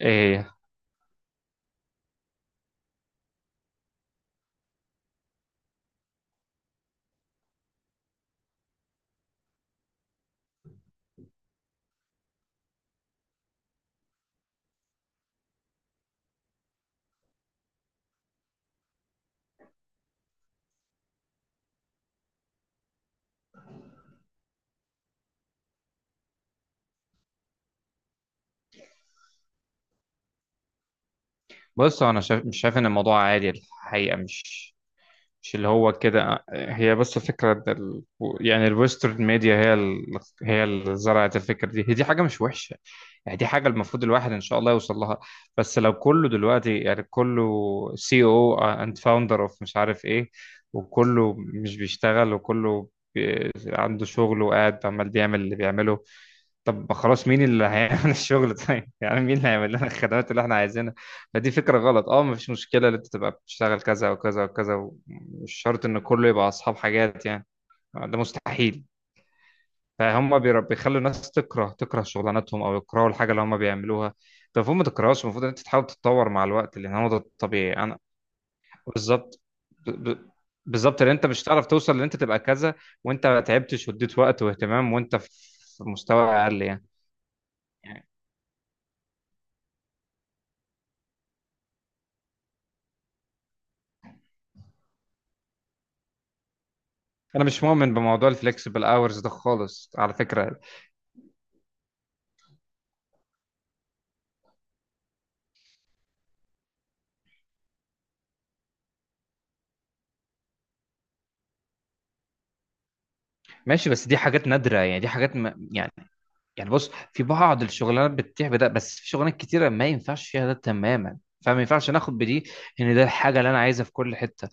إيه، بص انا شايف مش شايف ان الموضوع عادي الحقيقه مش اللي هو كده. هي بس فكره ده يعني الويسترن ميديا هي اللي زرعت الفكره دي، هي دي حاجه مش وحشه، يعني دي حاجه المفروض الواحد ان شاء الله يوصل لها. بس لو كله دلوقتي يعني كله سي او اند فاوندر اوف مش عارف ايه، وكله مش بيشتغل، وكله عنده شغل وقاعد عمال بيعمل اللي بيعمله. طب خلاص مين اللي هيعمل الشغل؟ طيب يعني مين اللي هيعمل لنا الخدمات اللي احنا عايزينها؟ فدي فكرة غلط. اه مفيش مشكلة ان انت تبقى بتشتغل كذا وكذا وكذا، مش شرط ان كله يبقى اصحاب حاجات يعني، ده مستحيل. فهم بيخلوا الناس تكره شغلانتهم او يكرهوا الحاجة اللي هم بيعملوها. طب المفروض ما تكرهوش، المفروض ان انت تحاول تتطور مع الوقت لان هو ده الطبيعي. انا بالظبط، ب- ب- بالظبط لان انت مش هتعرف توصل لان انت تبقى كذا وانت ما تعبتش واديت وقت واهتمام وانت في في مستوى اقل يعني. انا مش مؤمن بموضوع الفلكسبل اورز ده خالص على فكره. ماشي، بس دي حاجات نادره يعني دي حاجات ما يعني يعني بص، في بعض الشغلانات بتتيح بده، بس في شغلانات كتيره ما ينفعش فيها ده تماما. فما ينفعش ناخد بدي ان ده الحاجه اللي انا عايزها في كل حته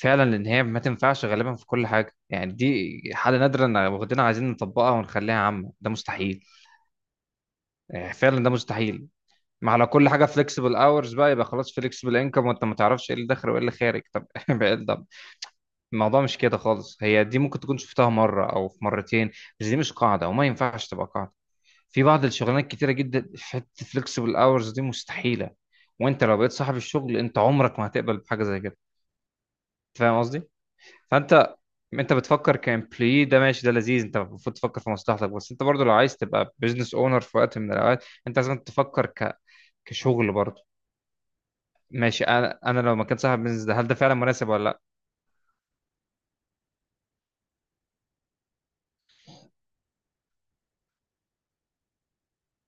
فعلا، لان هي ما تنفعش غالبا في كل حاجه، يعني دي حاله نادره ان واخدينها عايزين نطبقها ونخليها عامه، ده مستحيل. يعني فعلا ده مستحيل. ما على كل حاجه فليكسبل اورز بقى، يبقى خلاص فليكسبل انكم وانت ما تعرفش ايه اللي داخل وايه اللي خارج. طب بعيد الموضوع مش كده خالص، هي دي ممكن تكون شفتها مرة أو في مرتين، بس دي مش قاعدة وما ينفعش تبقى قاعدة. في بعض الشغلانات كتيرة جدا في حتة فليكسبل أورز دي مستحيلة، وأنت لو بقيت صاحب الشغل أنت عمرك ما هتقبل بحاجة زي كده. أنت فاهم قصدي؟ فأنت أنت بتفكر كامبلوي ده ماشي ده لذيذ، أنت المفروض تفكر في مصلحتك، بس أنت برضو لو عايز تبقى بزنس أونر في وقت من الأوقات أنت لازم تفكر كشغل برضو. ماشي، أنا لو ما كنت صاحب بزنس ده هل ده فعلا مناسب ولا لأ؟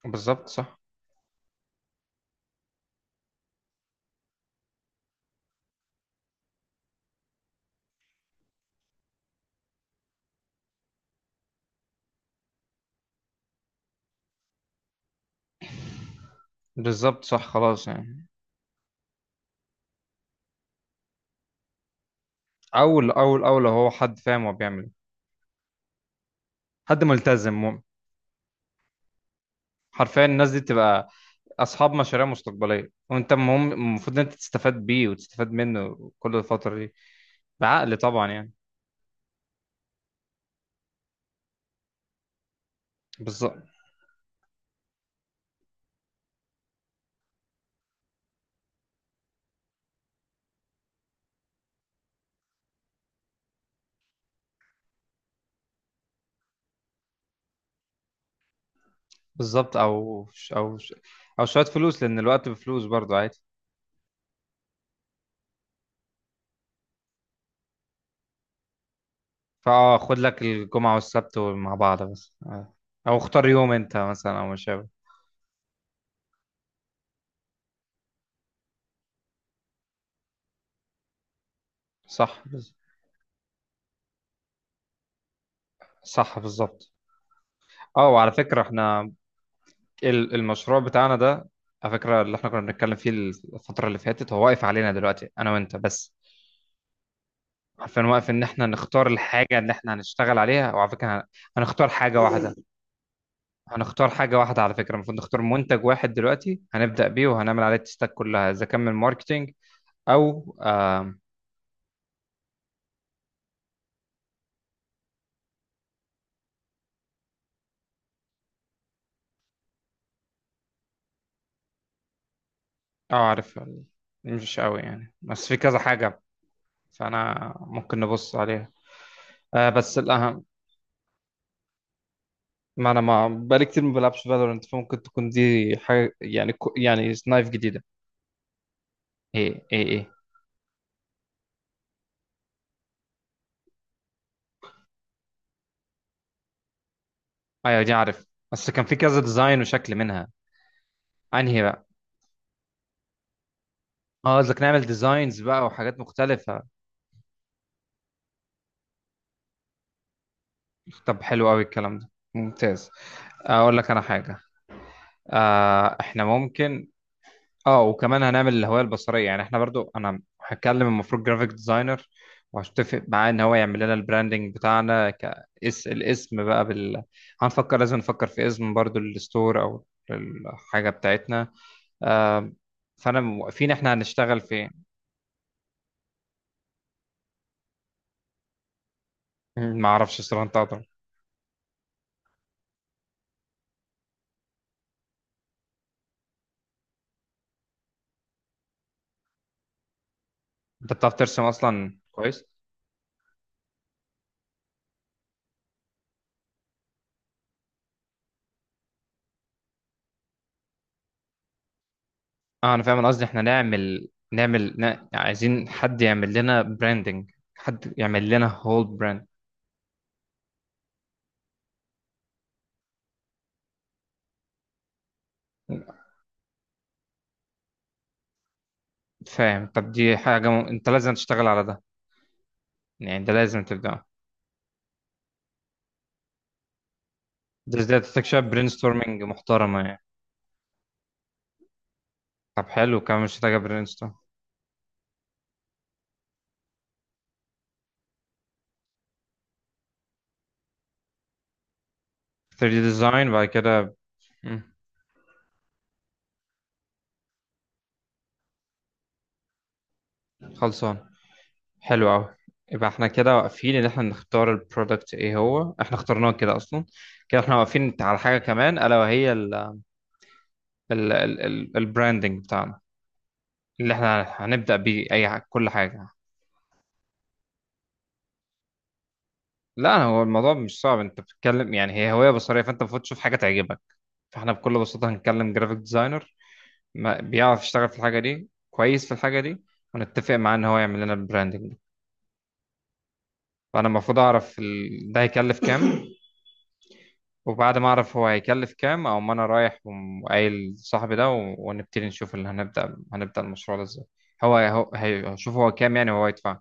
بالظبط صح. بالظبط. صح خلاص يعني. اول هو حد فاهم هو بيعمل إيه. حد ملتزم مؤمن، حرفيا الناس دي تبقى اصحاب مشاريع مستقبليه، وانت المهم المفروض ان انت تستفاد بيه وتستفاد منه كل الفتره دي، بعقل طبعا يعني. بالظبط. بالظبط او ش- او ش- او شويه فلوس، لان الوقت بفلوس برضه عادي. خد لك الجمعه والسبت مع بعض بس. او اختار يوم انت مثلا او ما شابه. صح بز- صح بالظبط. اه وعلى فكره احنا المشروع بتاعنا ده، على فكرة اللي احنا كنا بنتكلم فيه الفترة اللي فاتت، هو واقف علينا دلوقتي انا وانت بس. عارفين واقف ان احنا نختار الحاجة اللي احنا هنشتغل عليها، وعلى فكرة هنختار حاجة واحدة. هنختار حاجة واحدة. على فكرة المفروض نختار منتج واحد دلوقتي هنبدأ بيه وهنعمل عليه التستات كلها، اذا كان من ماركتينج او آم، اه عارف. مش قوي يعني، بس في كذا حاجة فانا ممكن نبص عليها. بس الأهم، ما انا ما بقالي كتير ما بلعبش فالورنت، فممكن تكون دي حاجه يعني يعني سنايف جديده. ايه ايه ايه، ايوه دي عارف، بس كان في كذا ديزاين وشكل منها. انهي بقى؟ اه قصدك نعمل ديزاينز بقى وحاجات مختلفه. طب حلو قوي الكلام ده ممتاز. اقول لك انا حاجه، احنا ممكن، اه وكمان هنعمل الهوية البصرية، يعني احنا برضو انا هتكلم المفروض جرافيك ديزاينر وهتفق معاه ان هو يعمل لنا البراندنج بتاعنا كاس الاسم بقى هنفكر، لازم نفكر في اسم برضو للستور او الحاجة بتاعتنا. آه فانا موقفين احنا هنشتغل فين. ما اعرفش الصراحة، انت أقدر. انت بتعرف ترسم اصلا كويس. اه انا فاهم، أنا قصدي احنا نعمل نعمل عايزين حد يعمل لنا براندنج، حد يعمل لنا هول براند، فاهم؟ طب دي حاجة انت لازم تشتغل على ده، يعني ده لازم تبدأ. ده ازاي، تحتاج شوية برين ستورمنج محترمة يعني. طب حلو، كمان مش محتاجة برين ستورم. 3D ديزاين بعد كده. مم، خلصان. حلو قوي. يبقى احنا كده واقفين ان احنا نختار البرودكت، ايه هو؟ احنا اخترناه كده اصلا. كده احنا واقفين على حاجة كمان الا وهي ال البراندنج بتاعنا اللي احنا هنبدأ بيه اي كل حاجة. لا هو الموضوع مش صعب، انت بتتكلم يعني هي هوية بصرية، فانت المفروض تشوف حاجة تعجبك. فاحنا بكل بساطة هنكلم جرافيك ديزاينر بيعرف يشتغل في الحاجة دي كويس، في الحاجة دي ونتفق معاه ان هو يعمل لنا البراندنج ده. فانا المفروض اعرف ده هيكلف كام وبعد ما اعرف هو هيكلف كام، او ما انا رايح وقايل صاحبي ده ونبتدي نشوف اللي هنبدأ، هنبدأ المشروع ده ازاي. هو هو هشوف هو كام يعني هو يدفع.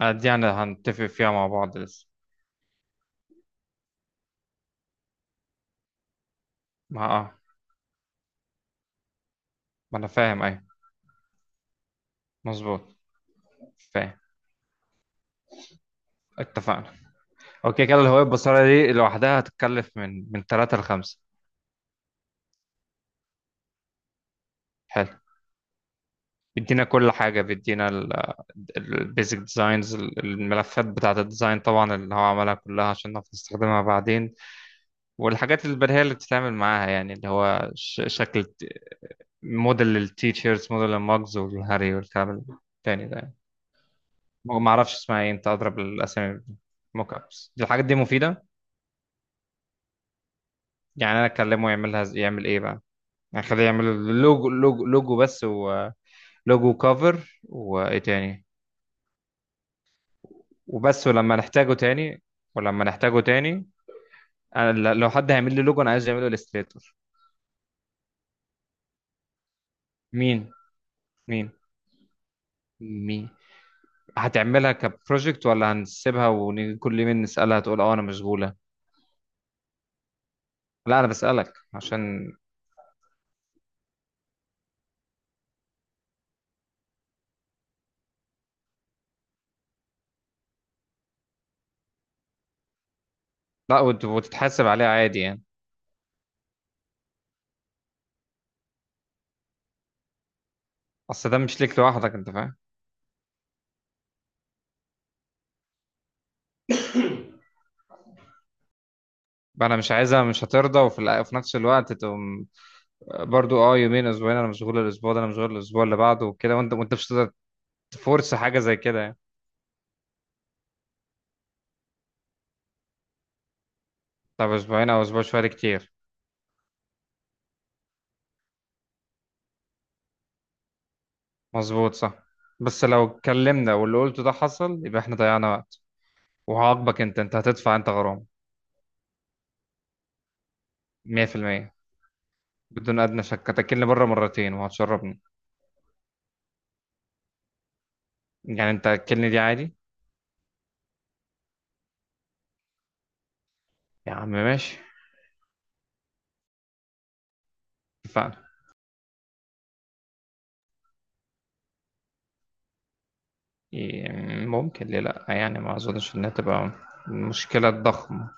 دي يعني هنتفق فيها مع بعض لسه. ما اه ما انا فاهم، ايوه مظبوط. فاهم. اتفقنا. اوكي، كده الهوية البصرية دي لوحدها هتتكلف من 3 ل 5. بيدينا كل حاجة، بيدينا البيزك ديزاينز الملفات بتاعة الديزاين طبعا اللي هو عملها كلها عشان نعرف نستخدمها بعدين، والحاجات البديهية اللي بتتعمل معاها، يعني اللي هو شكل موديل للتيشيرتس، موديل المجز والهاري والكلام التاني ده يعني. ما اعرفش اسمها ايه، انت اضرب الاسامي. موك ابس دي، الحاجات دي مفيدة. يعني انا اكلمه يعملها يعمل ايه بقى؟ يعني خليه يعمل لوجو، لوجو بس، ولوجو كفر، وايه تاني؟ وبس، ولما نحتاجه تاني. ولما نحتاجه تاني انا لو حد هيعمل لي لوجو انا عايز يعمله الستريتور. مين؟ مين؟ مين هتعملها كبروجكت ولا هنسيبها وكل مين نسألها تقول اه انا مشغولة؟ لا انا بسألك عشان، لا وتتحاسب عليها عادي يعني، اصل ده مش ليك لوحدك، انت فاهم. انا مش عايزها مش هترضى، وفي نفس الوقت تقوم برضو اه يومين اسبوعين انا مشغول الاسبوع ده، انا مشغول الاسبوع اللي بعده وكده، وانت وانت مش هتقدر تفورس حاجة زي كده يعني. طب اسبوعين او اسبوع شوية ده كتير. مظبوط صح. بس لو اتكلمنا واللي قلته ده حصل يبقى احنا ضيعنا وقت، وهعاقبك انت، انت هتدفع انت غرامة. 100%، بدون ادنى شك هتاكلني بره مرتين وهتشربني. يعني انت هتاكلني دي عادي. يا عم ماشي، اتفقنا. ي- ممكن ليه لا، يعني ما اظنش انها تبقى مشكلة ضخمة.